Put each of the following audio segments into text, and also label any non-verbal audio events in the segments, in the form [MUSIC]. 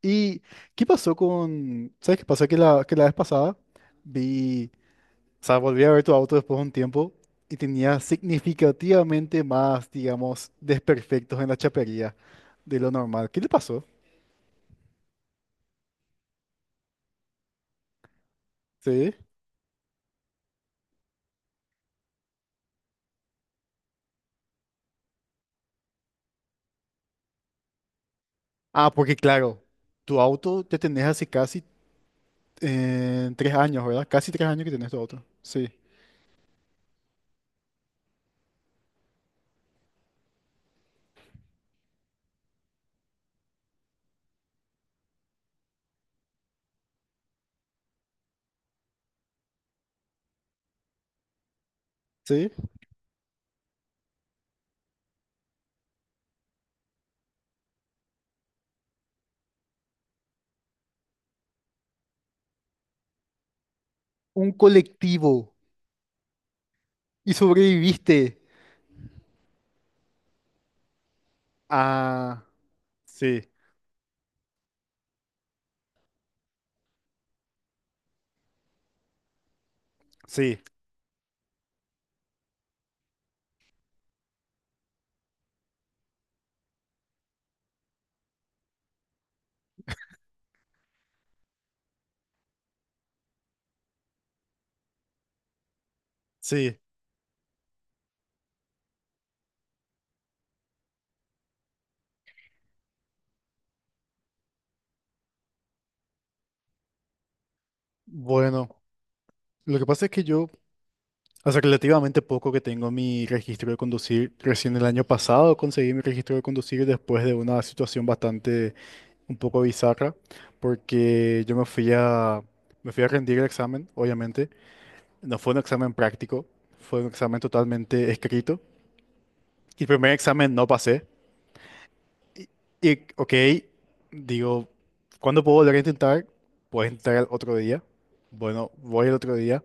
¿Y qué pasó con...? ¿Sabes qué pasó? Que la vez pasada vi... O sea, volví a ver tu auto después de un tiempo y tenía significativamente más, digamos, desperfectos en la chapería de lo normal. ¿Qué le pasó? Sí. Ah, porque claro, tu auto te tenés hace casi tres años, ¿verdad? Casi tres años que tenés tu auto. Sí. Sí. Un colectivo. Y sobreviviste. Ah, sí, sí, sí. Bueno, lo que pasa es que yo... Hace relativamente poco que tengo mi registro de conducir. Recién el año pasado conseguí mi registro de conducir después de una situación bastante un poco bizarra, porque yo me fui a rendir el examen, obviamente. No fue un examen práctico, fue un examen totalmente escrito. Y el primer examen no pasé. Y ok, digo, ¿cuándo puedo volver a intentar? Puedes intentar el otro día. Bueno, voy el otro día.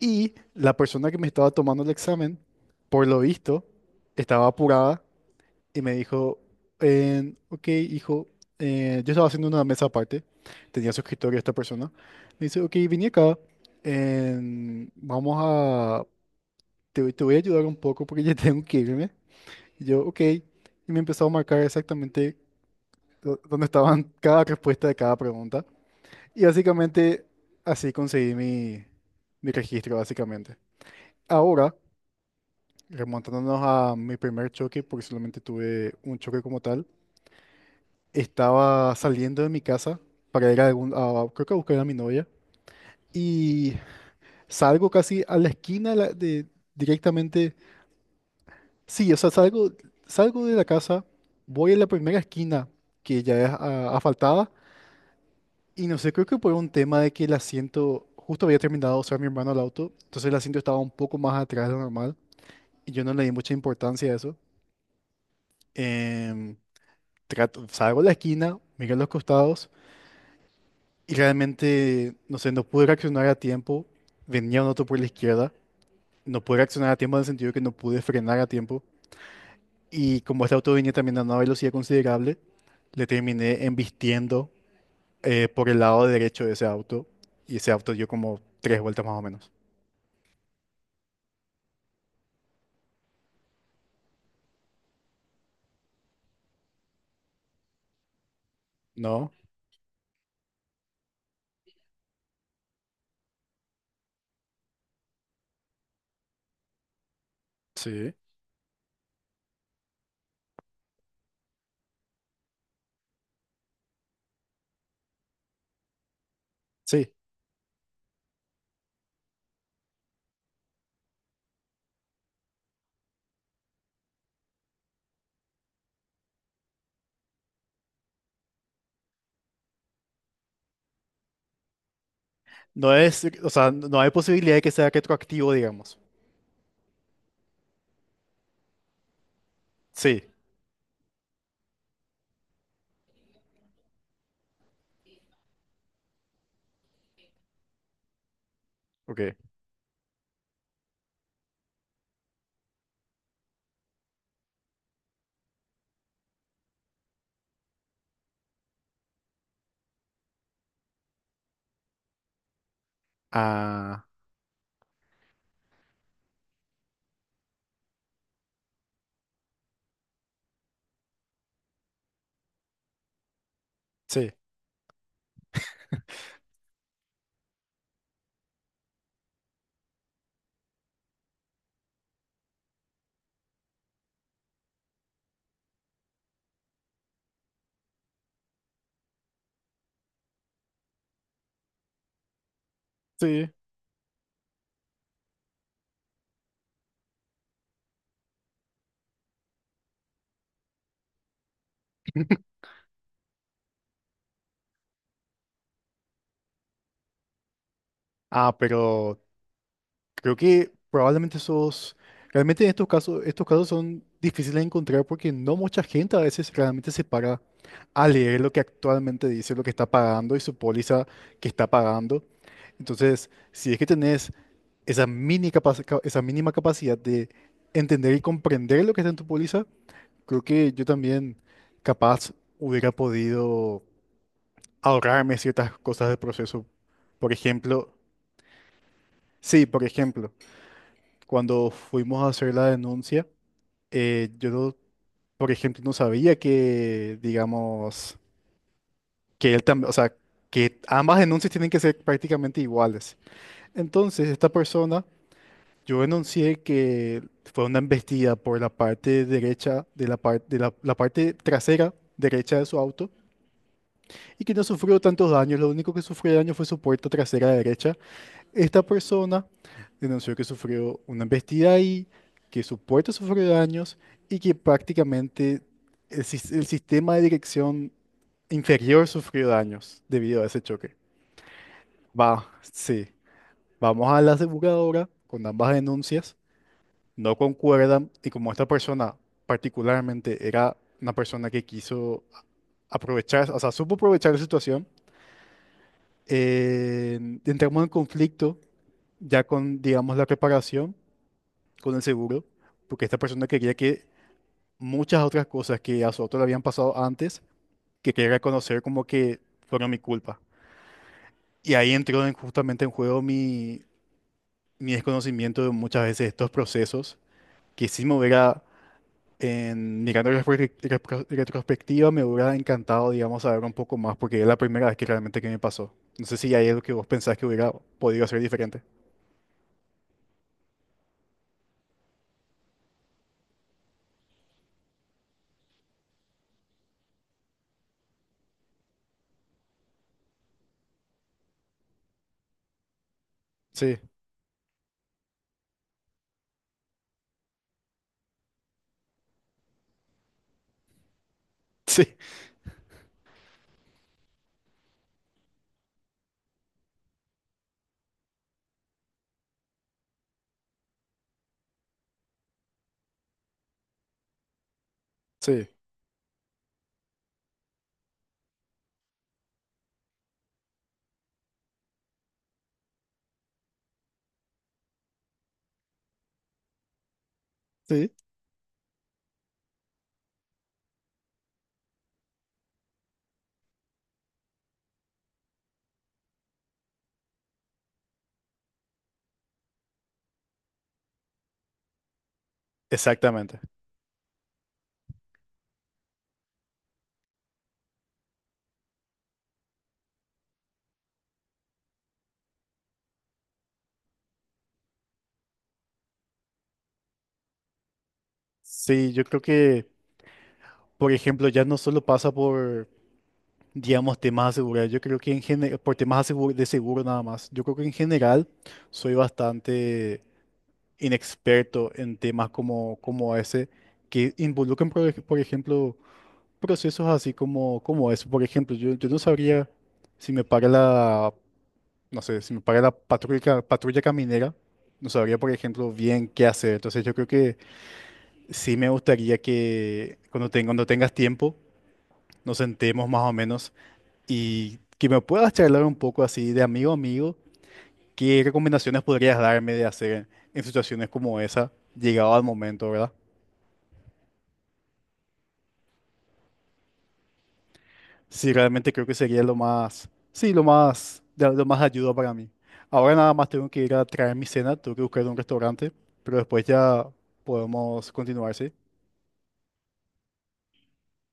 Y la persona que me estaba tomando el examen, por lo visto, estaba apurada y me dijo, ok, hijo, yo estaba haciendo una mesa aparte, tenía su escritorio esta persona. Me dice, ok, vine acá, vamos a, te voy a ayudar un poco porque ya [LAUGHS] tengo que irme. Y yo, ok, y me empezó a marcar exactamente dónde estaban [LAUGHS] cada respuesta de cada pregunta. Y básicamente así conseguí mi, mi registro, básicamente. Ahora... Remontándonos a mi primer choque, porque solamente tuve un choque como tal, estaba saliendo de mi casa para ir a algún, creo que a buscar a mi novia y salgo casi a la esquina de, directamente, sí, o sea, salgo, salgo de la casa, voy a la primera esquina que ya es asfaltada y no sé, creo que por un tema de que el asiento, justo había terminado de usar mi hermano el auto, entonces el asiento estaba un poco más atrás de lo normal y yo no le di mucha importancia a eso. Em, salgo a la esquina, miré a los costados y realmente, no sé, no pude reaccionar a tiempo. Venía un auto por la izquierda, no pude reaccionar a tiempo en el sentido que no pude frenar a tiempo. Y como este auto venía también a una velocidad considerable, le terminé embistiendo por el lado derecho de ese auto y ese auto dio como tres vueltas más o menos. ¿No? Sí. Sí. No es, o sea, no hay posibilidad de que sea retroactivo, digamos. Sí. Ok. Ah, sí. Sí. [LAUGHS] Ah, pero creo que probablemente esos, realmente en estos casos son difíciles de encontrar porque no mucha gente a veces realmente se para a leer lo que actualmente dice, lo que está pagando y su póliza que está pagando. Entonces, si es que tenés esa esa mínima capacidad de entender y comprender lo que está en tu póliza, creo que yo también capaz hubiera podido ahorrarme ciertas cosas del proceso. Por ejemplo, sí, por ejemplo, cuando fuimos a hacer la denuncia, yo, no- por ejemplo, no sabía que, digamos, que él también, o sea, que ambas denuncias tienen que ser prácticamente iguales. Entonces, esta persona, yo denuncié que fue una embestida por la parte derecha de la, de la, la parte trasera derecha de su auto y que no sufrió tantos daños, lo único que sufrió daño fue su puerta trasera derecha. Esta persona denunció que sufrió una embestida ahí, que su puerta sufrió daños y que prácticamente el, el sistema de dirección inferior sufrió daños debido a ese choque. Va, sí. Vamos a la aseguradora con ambas denuncias. No concuerdan y como esta persona particularmente era una persona que quiso aprovechar, o sea, supo aprovechar la situación, eh, entramos en conflicto ya con, digamos, la reparación con el seguro, porque esta persona quería que muchas otras cosas que a su auto le habían pasado antes, que quería reconocer como que fueron mi culpa. Y ahí justamente en juego mi, mi desconocimiento de muchas veces estos procesos, que si me hubiera, en, mirando en retrospectiva, me hubiera encantado, digamos, saber un poco más, porque es la primera vez que realmente que me pasó. No sé si hay algo que vos pensás que hubiera podido hacer diferente. Sí, [LAUGHS] sí, sí, sí, exactamente. Sí, yo creo que... por ejemplo, ya no solo pasa por, digamos, temas de seguridad, yo creo que en general, por temas de seguro nada más, yo creo que en general soy bastante inexperto en temas como, como ese, que involucran, por ejemplo, procesos así como, como eso. Por ejemplo, yo no sabría si me para la, no sé, si me para la patrulla, patrulla caminera, no sabría, por ejemplo, bien qué hacer. Entonces yo creo que sí me gustaría que cuando, cuando tengas tiempo, nos sentemos más o menos y que me puedas charlar un poco así de amigo a amigo, ¿qué recomendaciones podrías darme de hacer en situaciones como esa, llegado al momento, ¿verdad? Sí, realmente creo que sería lo más, sí, lo más, lo más ayuda para mí. Ahora nada más tengo que ir a traer mi cena, tengo que buscar un restaurante, pero después ya podemos continuar, ¿sí?